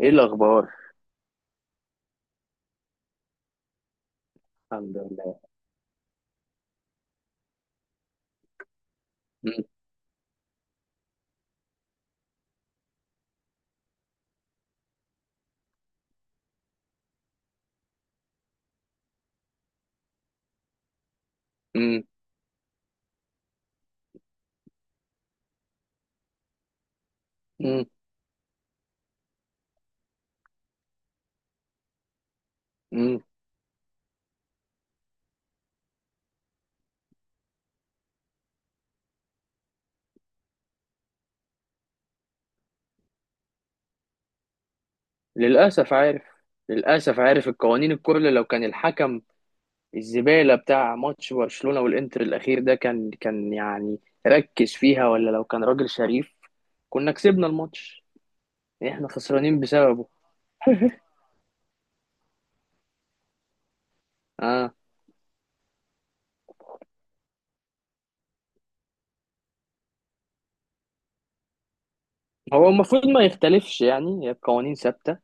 ايه الاخبار؟ الحمد لله. مم. مم. مم. مم. للاسف عارف للاسف عارف القوانين الكل. لو كان الحكم الزباله بتاع ماتش برشلونه والانتر الاخير ده كان يعني ركز فيها، ولا لو كان راجل شريف كنا كسبنا الماتش، احنا خسرانين بسببه. اه، هو المفروض ما يختلفش، يعني هي القوانين ثابته.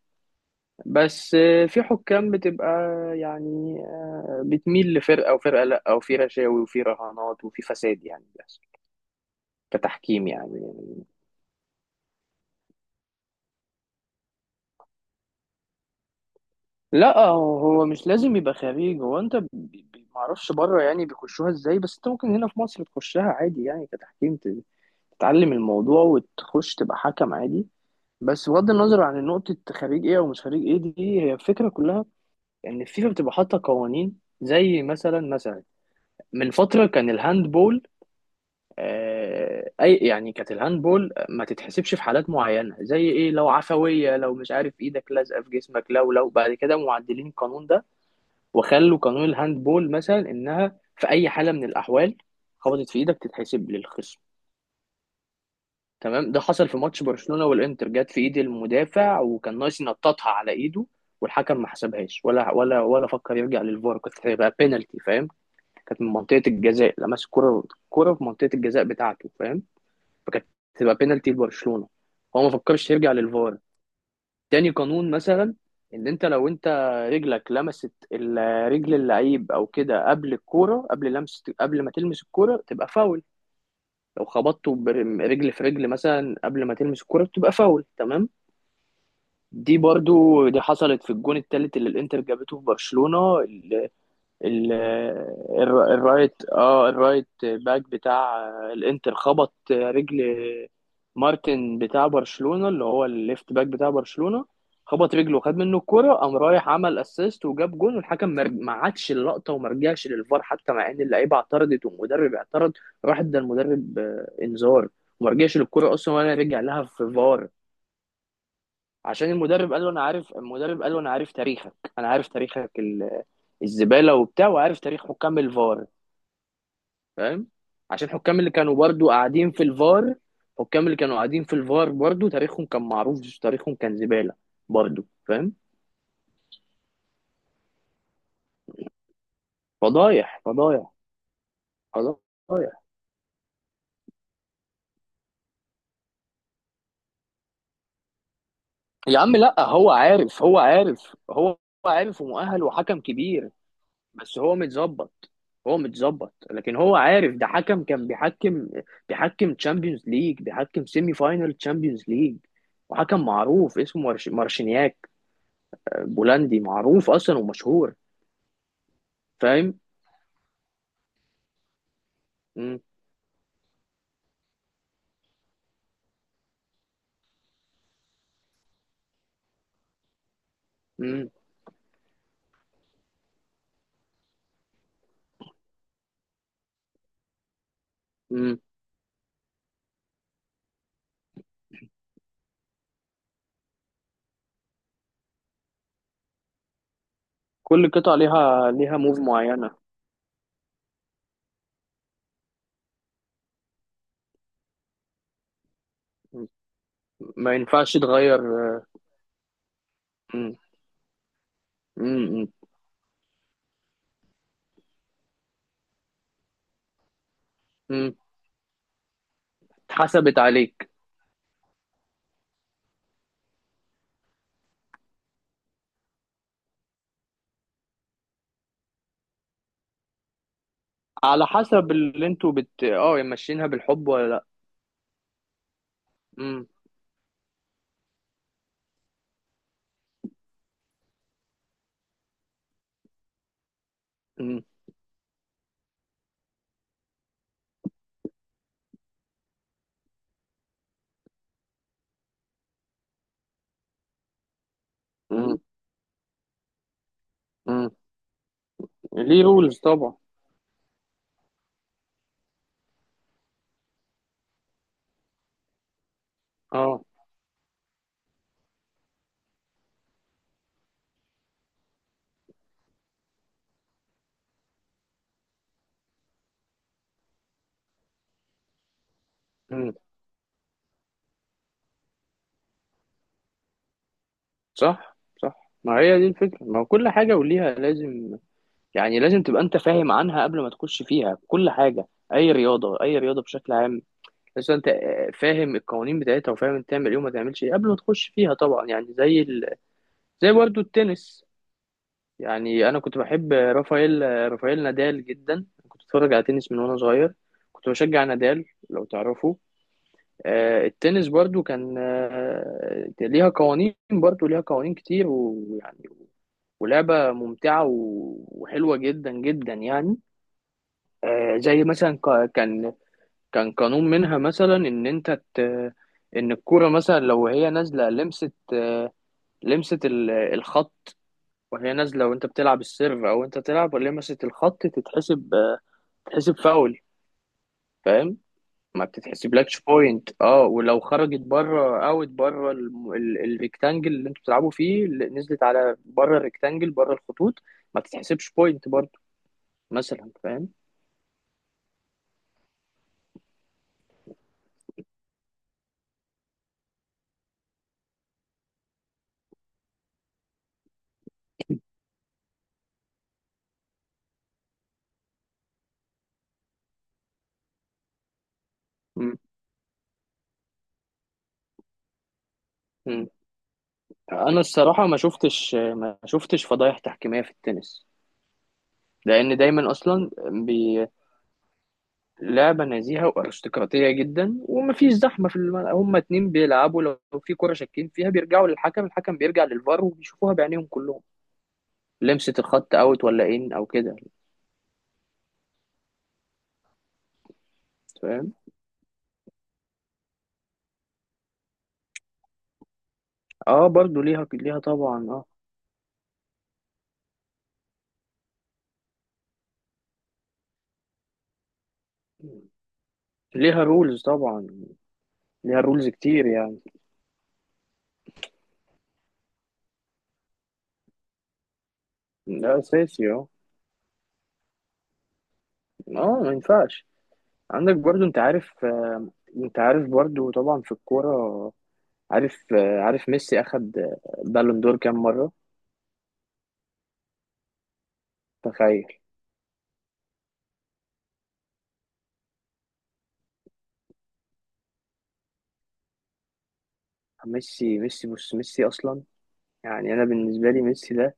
بس في حكام بتبقى يعني بتميل لفرقه وفرقه لا، وفي رشاوي وفي رهانات وفي فساد يعني، بس كتحكيم يعني. لا، هو مش لازم يبقى خارجي، هو انت معرفش بره يعني بيخشوها ازاي، بس انت ممكن هنا في مصر تخشها عادي يعني كتحكيم، تتعلم الموضوع وتخش تبقى حكم عادي. بس بغض النظر عن نقطة خريج ايه او مش خريج ايه، دي هي الفكرة كلها. ان يعني الفيفا بتبقى حاطة قوانين زي مثلا، من فترة كان الهاندبول اي يعني، كانت الهاندبول ما تتحسبش في حالات معينه، زي ايه، لو عفويه، لو مش عارف ايدك لازقه في جسمك، لو بعد كده معدلين القانون ده وخلوا قانون الهاندبول مثلا انها في اي حاله من الاحوال خبطت في ايدك تتحسب للخصم. تمام، ده حصل في ماتش برشلونه والانتر، جت في ايد المدافع وكان ناقص ينططها على ايده، والحكم ما حسبهاش ولا فكر يرجع للفار. كانت هيبقى بينالتي، فاهم؟ كانت من منطقه الجزاء، لمس كرة، كرة في منطقه الجزاء بتاعته، فاهم؟ فكانت تبقى بينالتي لبرشلونه. هو ما فكرش يرجع للفار. تاني قانون مثلا، ان انت لو انت رجلك لمست رجل اللعيب او كده قبل الكوره، قبل لمس، قبل ما تلمس الكوره تبقى فاول. لو خبطته برجل في رجل مثلا قبل ما تلمس الكوره بتبقى فاول، تمام. دي برضو دي حصلت في الجون التالت اللي الانتر جابته في برشلونه. ال- الرايت باك بتاع الانتر خبط رجل مارتن بتاع برشلونة، اللي هو الليفت باك بتاع برشلونة، خبط رجله وخد منه الكرة، قام رايح عمل اسيست وجاب جون، والحكم ما عادش اللقطة وما رجعش للفار، حتى مع ان اللعيبة اعترضت والمدرب اعترض. راح ادى المدرب انذار، وما رجعش للكرة اصلا ولا رجع لها في فار، عشان المدرب قال له انا عارف. المدرب قال له انا عارف تاريخك، انا عارف تاريخك الزبالة وبتاع، وعارف تاريخ حكام الفار، فاهم؟ عشان الحكام اللي كانوا برضو قاعدين في الفار، الحكام اللي كانوا قاعدين في الفار برضو تاريخهم كان معروف، تاريخهم كان زبالة برضو، فاهم؟ فضايح، فضايح، فضايح. يا عم لا، هو عارف، هو عارف، هو عارف ومؤهل وحكم كبير، بس هو متظبط. هو متظبط، لكن هو عارف. ده حكم كان بيحكم تشامبيونز ليج، بيحكم سيمي فاينل تشامبيونز ليج، وحكم معروف اسمه مارشينياك، بولندي معروف اصلا ومشهور، فاهم؟ مم. مم. كل قطعة ليها موف معينة. مم. ما ينفعش تغير. مم. مم. مم. مم. اتحسبت عليك. على حسب اللي انتوا بت اه ماشيينها، بالحب ولا لا. مم. مم. مم. مم. ليه رولز طبعا. اه. مم. صح. صح، ما هي دي الفكرة، ما هو كل حاجة وليها لازم يعني، لازم تبقى انت فاهم عنها قبل ما تخش فيها، كل حاجة، اي رياضة، اي رياضة بشكل عام. بس انت فاهم القوانين بتاعتها وفاهم انت تعمل ايه وما تعملش ايه قبل ما تخش فيها طبعا، يعني زي برضو التنس. يعني انا كنت بحب رافائيل نادال جدا، كنت اتفرج على تنس من وانا صغير، كنت بشجع نادال لو تعرفه. التنس برضو كان ليها قوانين، برضو ليها قوانين كتير ويعني، ولعبة ممتعة و- وحلوة جدا جدا يعني. زي مثلا كان قانون منها مثلا ان انت ان الكوره مثلا لو هي نازله لمست الخط، وهي نازله وانت بتلعب السيرف او انت تلعب ولمست الخط، تتحسب فاول، فاهم؟ ما بتتحسبلكش بوينت، ولو خرجت بره، اوت بره الريكتانجل اللي انتوا بتلعبوا فيه، اللي نزلت على بره الريكتانجل بره الخطوط، ما تتحسبش بوينت برضه مثلا، فاهم؟ مم. مم. انا الصراحه ما شفتش فضايح تحكيميه في التنس، لأن دايما أصلا لعبة نزيهة وأرستقراطية جدا، ومفيش زحمة في هما اتنين بيلعبوا، لو في كرة شاكين فيها بيرجعوا للحكم، الحكم بيرجع للفار وبيشوفوها بعينيهم كلهم، لمسة الخط أوت ولا إن أو كده، فاهم؟ اه، برضو ليها طبعا اه. ليها رولز طبعا. ليها رولز كتير يعني. ده أساسي اه. اه، ما ينفعش. عندك برضو، أنت عارف أنت عارف برضو طبعا في الكورة، عارف عارف ميسي أخد بالون دور كام مرة؟ تخيل. ميسي بص، ميسي اصلا يعني، انا بالنسبه لي ميسي ده،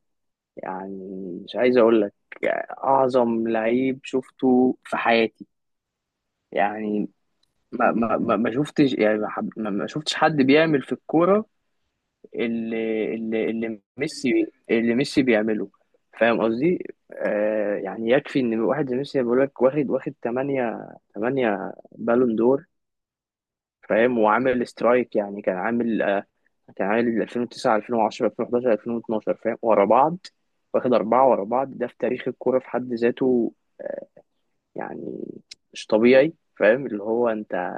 يعني، مش عايز اقول لك يعني اعظم لعيب شفته في حياتي، يعني ما شفتش يعني، ما حب- ما- ما شفتش حد بيعمل في الكوره اللي ميسي بيعمله، فاهم قصدي؟ آه، يعني يكفي ان واحد زي ميسي بيقول لك واخد 8، 8 بالون دور، فاهم؟ وعامل سترايك يعني، كان عامل تعالي ل 2009، 2010، 2011، 2012، فاهم؟ ورا بعض، واخد أربعة ورا بعض، ده في تاريخ الكورة في حد ذاته. آه، يعني مش طبيعي، فاهم اللي هو انت،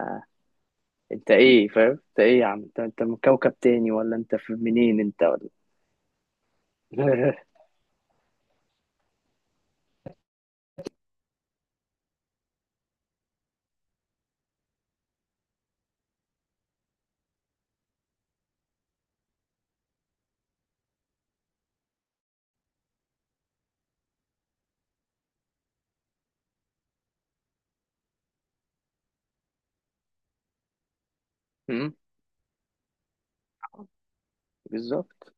انت ايه فاهم، انت ايه يا عم، انت من كوكب تاني ولا انت في منين انت ولا. مم، بالظبط.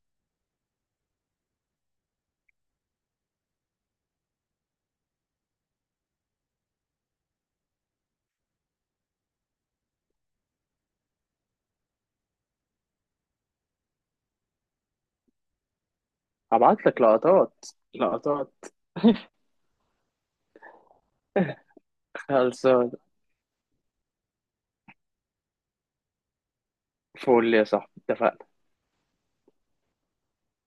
هبعت لك لقطات، لقطات. خلصان. فول يا صاحبي، اتفقنا.